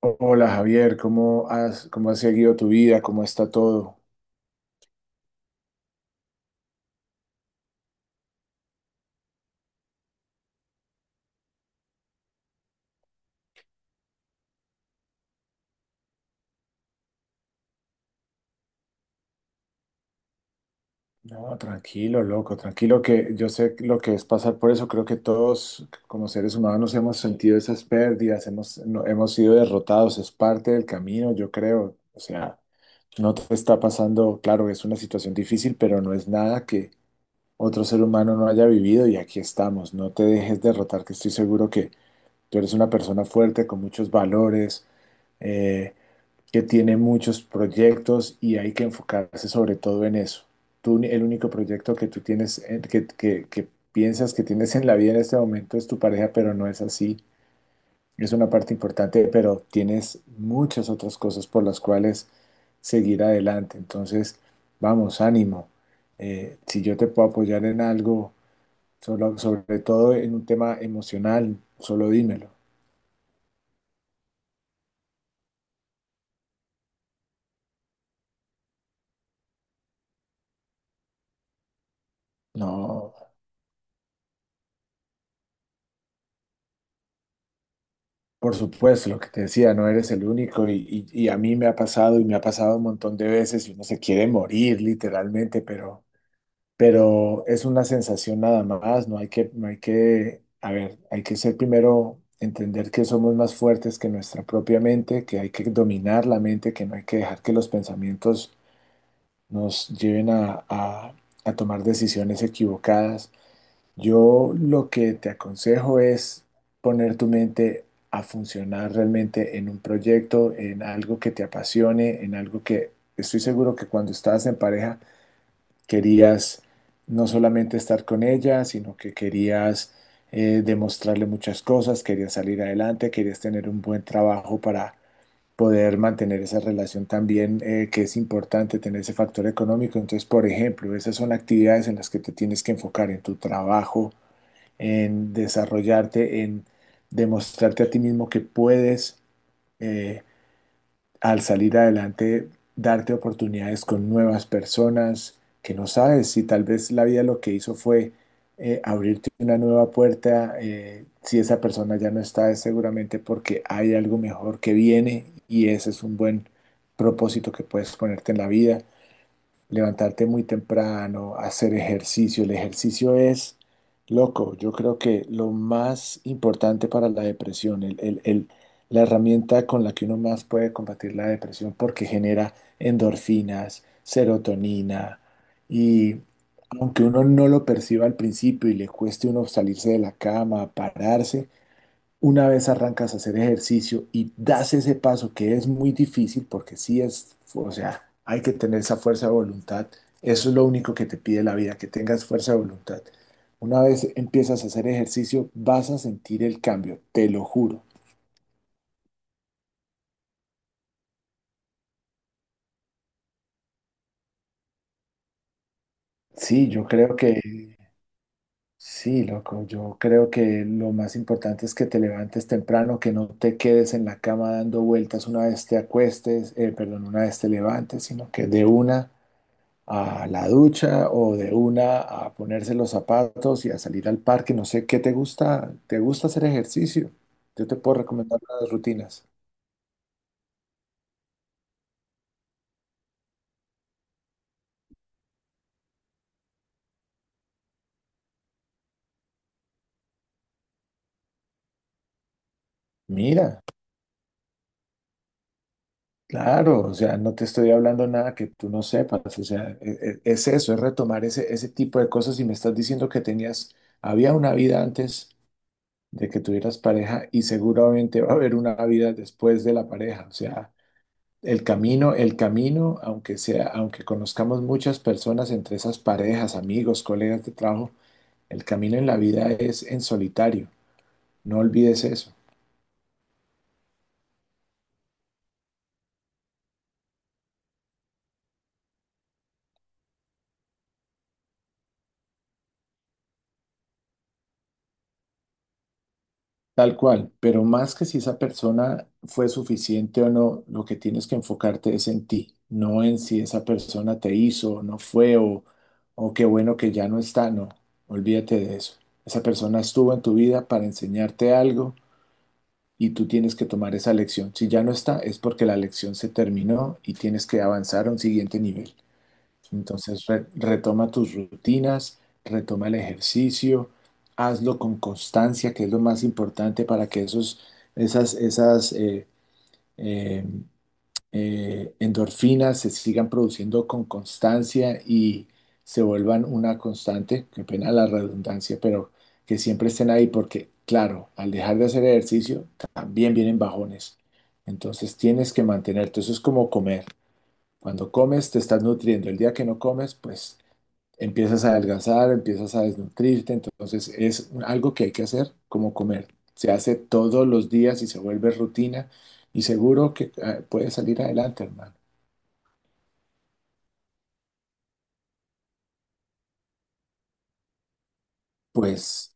Hola Javier, cómo has seguido tu vida? ¿Cómo está todo? No, tranquilo, loco, tranquilo, que yo sé lo que es pasar por eso. Creo que todos como seres humanos hemos sentido esas pérdidas, hemos, no- hemos sido derrotados, es parte del camino, yo creo. O sea, no te está pasando, claro, es una situación difícil, pero no es nada que otro ser humano no haya vivido y aquí estamos. No te dejes derrotar, que estoy seguro que tú eres una persona fuerte, con muchos valores. eh, que tiene muchos proyectos y hay que enfocarse sobre todo en eso. Tú, el único proyecto que tú tienes, que piensas que tienes en la vida en este momento es tu pareja, pero no es así. Es una parte importante, pero tienes muchas otras cosas por las cuales seguir adelante. Entonces, vamos, ánimo. Si yo te puedo apoyar en algo, sobre todo en un tema emocional, solo dímelo. No. Por supuesto, lo que te decía, no eres el único y a mí me ha pasado y me ha pasado un montón de veces y uno se quiere morir literalmente, pero es una sensación nada más, no hay que, no hay que, a ver, hay que ser primero, entender que somos más fuertes que nuestra propia mente, que hay que dominar la mente, que no hay que dejar que los pensamientos nos lleven a tomar decisiones equivocadas. Yo lo que te aconsejo es poner tu mente a funcionar realmente en un proyecto, en algo que te apasione, en algo que estoy seguro que cuando estabas en pareja querías no solamente estar con ella, sino que querías demostrarle muchas cosas, querías salir adelante, querías tener un buen trabajo para poder mantener esa relación también, que es importante tener ese factor económico. Entonces, por ejemplo, esas son actividades en las que te tienes que enfocar en tu trabajo, en desarrollarte, en demostrarte a ti mismo que puedes, eh, al salir adelante, darte oportunidades con nuevas personas que no sabes si tal vez la vida lo que hizo fue abrirte una nueva puerta. Si esa persona ya no está, es seguramente porque hay algo mejor que viene y ese es un buen propósito que puedes ponerte en la vida, levantarte muy temprano, hacer ejercicio. El ejercicio es loco. Yo creo que lo más importante para la depresión, la herramienta con la que uno más puede combatir la depresión porque genera endorfinas, serotonina y aunque uno no lo perciba al principio y le cueste uno salirse de la cama, pararse, una vez arrancas a hacer ejercicio y das ese paso que es muy difícil porque sí es, o sea, hay que tener esa fuerza de voluntad. Eso es lo único que te pide la vida, que tengas fuerza de voluntad. Una vez empiezas a hacer ejercicio, vas a sentir el cambio, te lo juro. Sí, yo creo que, sí, loco, yo creo que lo más importante es que te levantes temprano, que no te quedes en la cama dando vueltas una vez te acuestes, perdón, una vez te levantes, sino que de una a la ducha o de una a ponerse los zapatos y a salir al parque. No sé, ¿qué te gusta? ¿Te gusta hacer ejercicio? Yo te puedo recomendar unas rutinas. Mira, claro, o sea, no te estoy hablando nada que tú no sepas, o sea, es eso, es retomar ese tipo de cosas y me estás diciendo que tenías, había una vida antes de que tuvieras pareja y seguramente va a haber una vida después de la pareja, o sea, el camino, aunque sea, aunque conozcamos muchas personas entre esas parejas, amigos, colegas de trabajo, el camino en la vida es en solitario. No olvides eso. Tal cual, pero más que si esa persona fue suficiente o no, lo que tienes que enfocarte es en ti, no en si esa persona te hizo o qué bueno que ya no está, no, olvídate de eso. Esa persona estuvo en tu vida para enseñarte algo y tú tienes que tomar esa lección. Si ya no está, es porque la lección se terminó y tienes que avanzar a un siguiente nivel. Entonces, retoma tus rutinas, retoma el ejercicio, hazlo con constancia, que es lo más importante para que esas eh, endorfinas se sigan produciendo con constancia y se vuelvan una constante, qué pena la redundancia, pero que siempre estén ahí porque, claro, al dejar de hacer ejercicio también vienen bajones. Entonces tienes que mantenerte, eso es como comer. Cuando comes te estás nutriendo, el día que no comes, pues empiezas a adelgazar, empiezas a desnutrirte, entonces es algo que hay que hacer como comer. Se hace todos los días y se vuelve rutina y seguro que puedes salir adelante, hermano. Pues,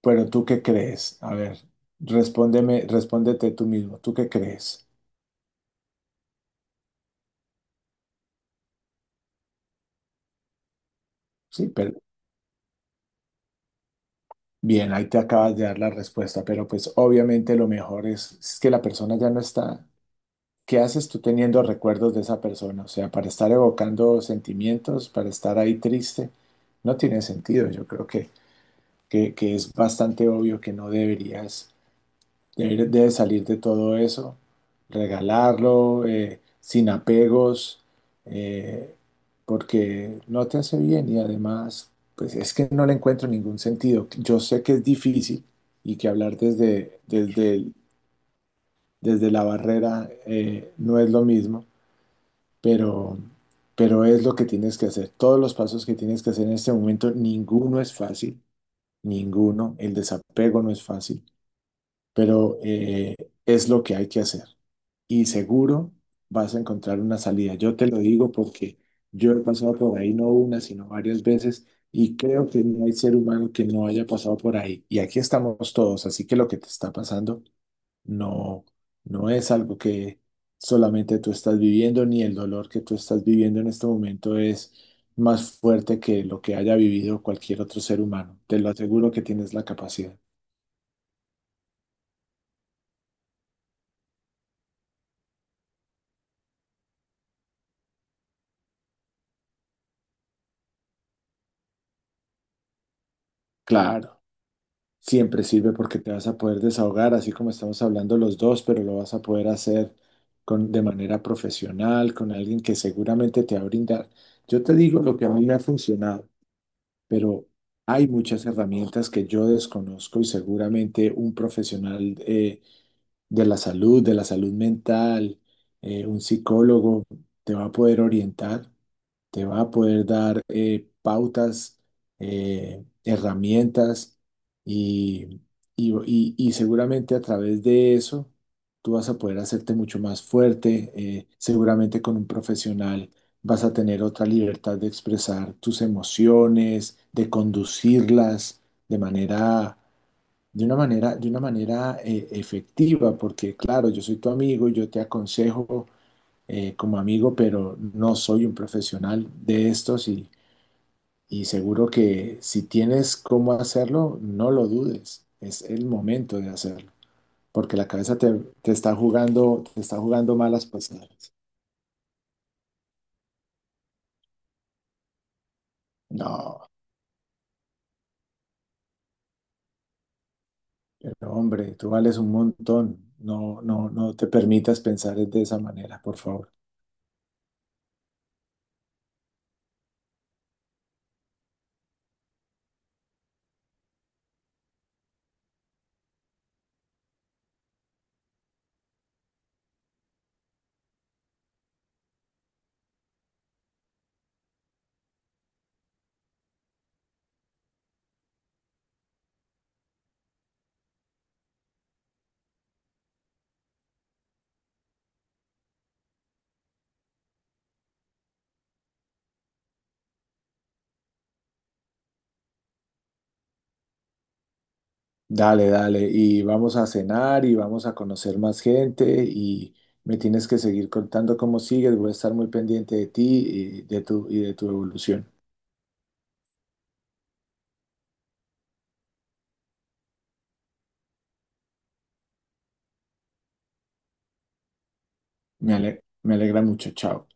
pero ¿tú qué crees? A ver, respóndeme, respóndete tú mismo, ¿tú qué crees? Sí, pero bien, ahí te acabas de dar la respuesta, pero pues obviamente lo mejor es que la persona ya no está. ¿Qué haces tú teniendo recuerdos de esa persona? O sea, para estar evocando sentimientos, para estar ahí triste, no tiene sentido. Yo creo que es bastante obvio que no deberías. Él debe salir de todo eso, regalarlo, sin apegos, eh, porque no te hace bien y además, pues es que no le encuentro ningún sentido. Yo sé que es difícil y que hablar desde la barrera no es lo mismo, pero, pero es lo que tienes que hacer. Todos los pasos que tienes que hacer en este momento, ninguno es fácil, ninguno. El desapego no es fácil, pero es lo que hay que hacer. Y seguro vas a encontrar una salida. Yo te lo digo porque yo he pasado por ahí no una, sino varias veces y creo que no hay ser humano que no haya pasado por ahí. Y aquí estamos todos, así que lo que te está pasando no, no es algo que solamente tú estás viviendo, ni el dolor que tú estás viviendo en este momento es más fuerte que lo que haya vivido cualquier otro ser humano. Te lo aseguro que tienes la capacidad. Claro. Siempre sirve porque te vas a poder desahogar, así como estamos hablando los dos, pero lo vas a poder hacer con, de manera profesional, con alguien que seguramente te va a brindar. Yo te digo lo que a mí me ha funcionado, pero hay muchas herramientas que yo desconozco y seguramente un profesional de la salud mental, un psicólogo, te va a poder orientar, te va a poder dar pautas, herramientas y, y seguramente a través de eso tú vas a poder hacerte mucho más fuerte. Seguramente con un profesional vas a tener otra libertad de expresar tus emociones, de conducirlas de manera... De una manera, de una manera efectiva, porque claro, yo soy tu amigo, yo te aconsejo, como amigo, pero no soy un profesional de estos y seguro que si tienes cómo hacerlo, no lo dudes. Es el momento de hacerlo, porque la cabeza te, te está jugando malas pasadas. No, pero hombre, tú vales un montón. No, no, no te permitas pensar de esa manera, por favor. Dale, dale, y vamos a cenar y vamos a conocer más gente y me tienes que seguir contando cómo sigues, voy a estar muy pendiente de ti y de tu evolución. Me alegra mucho, chao.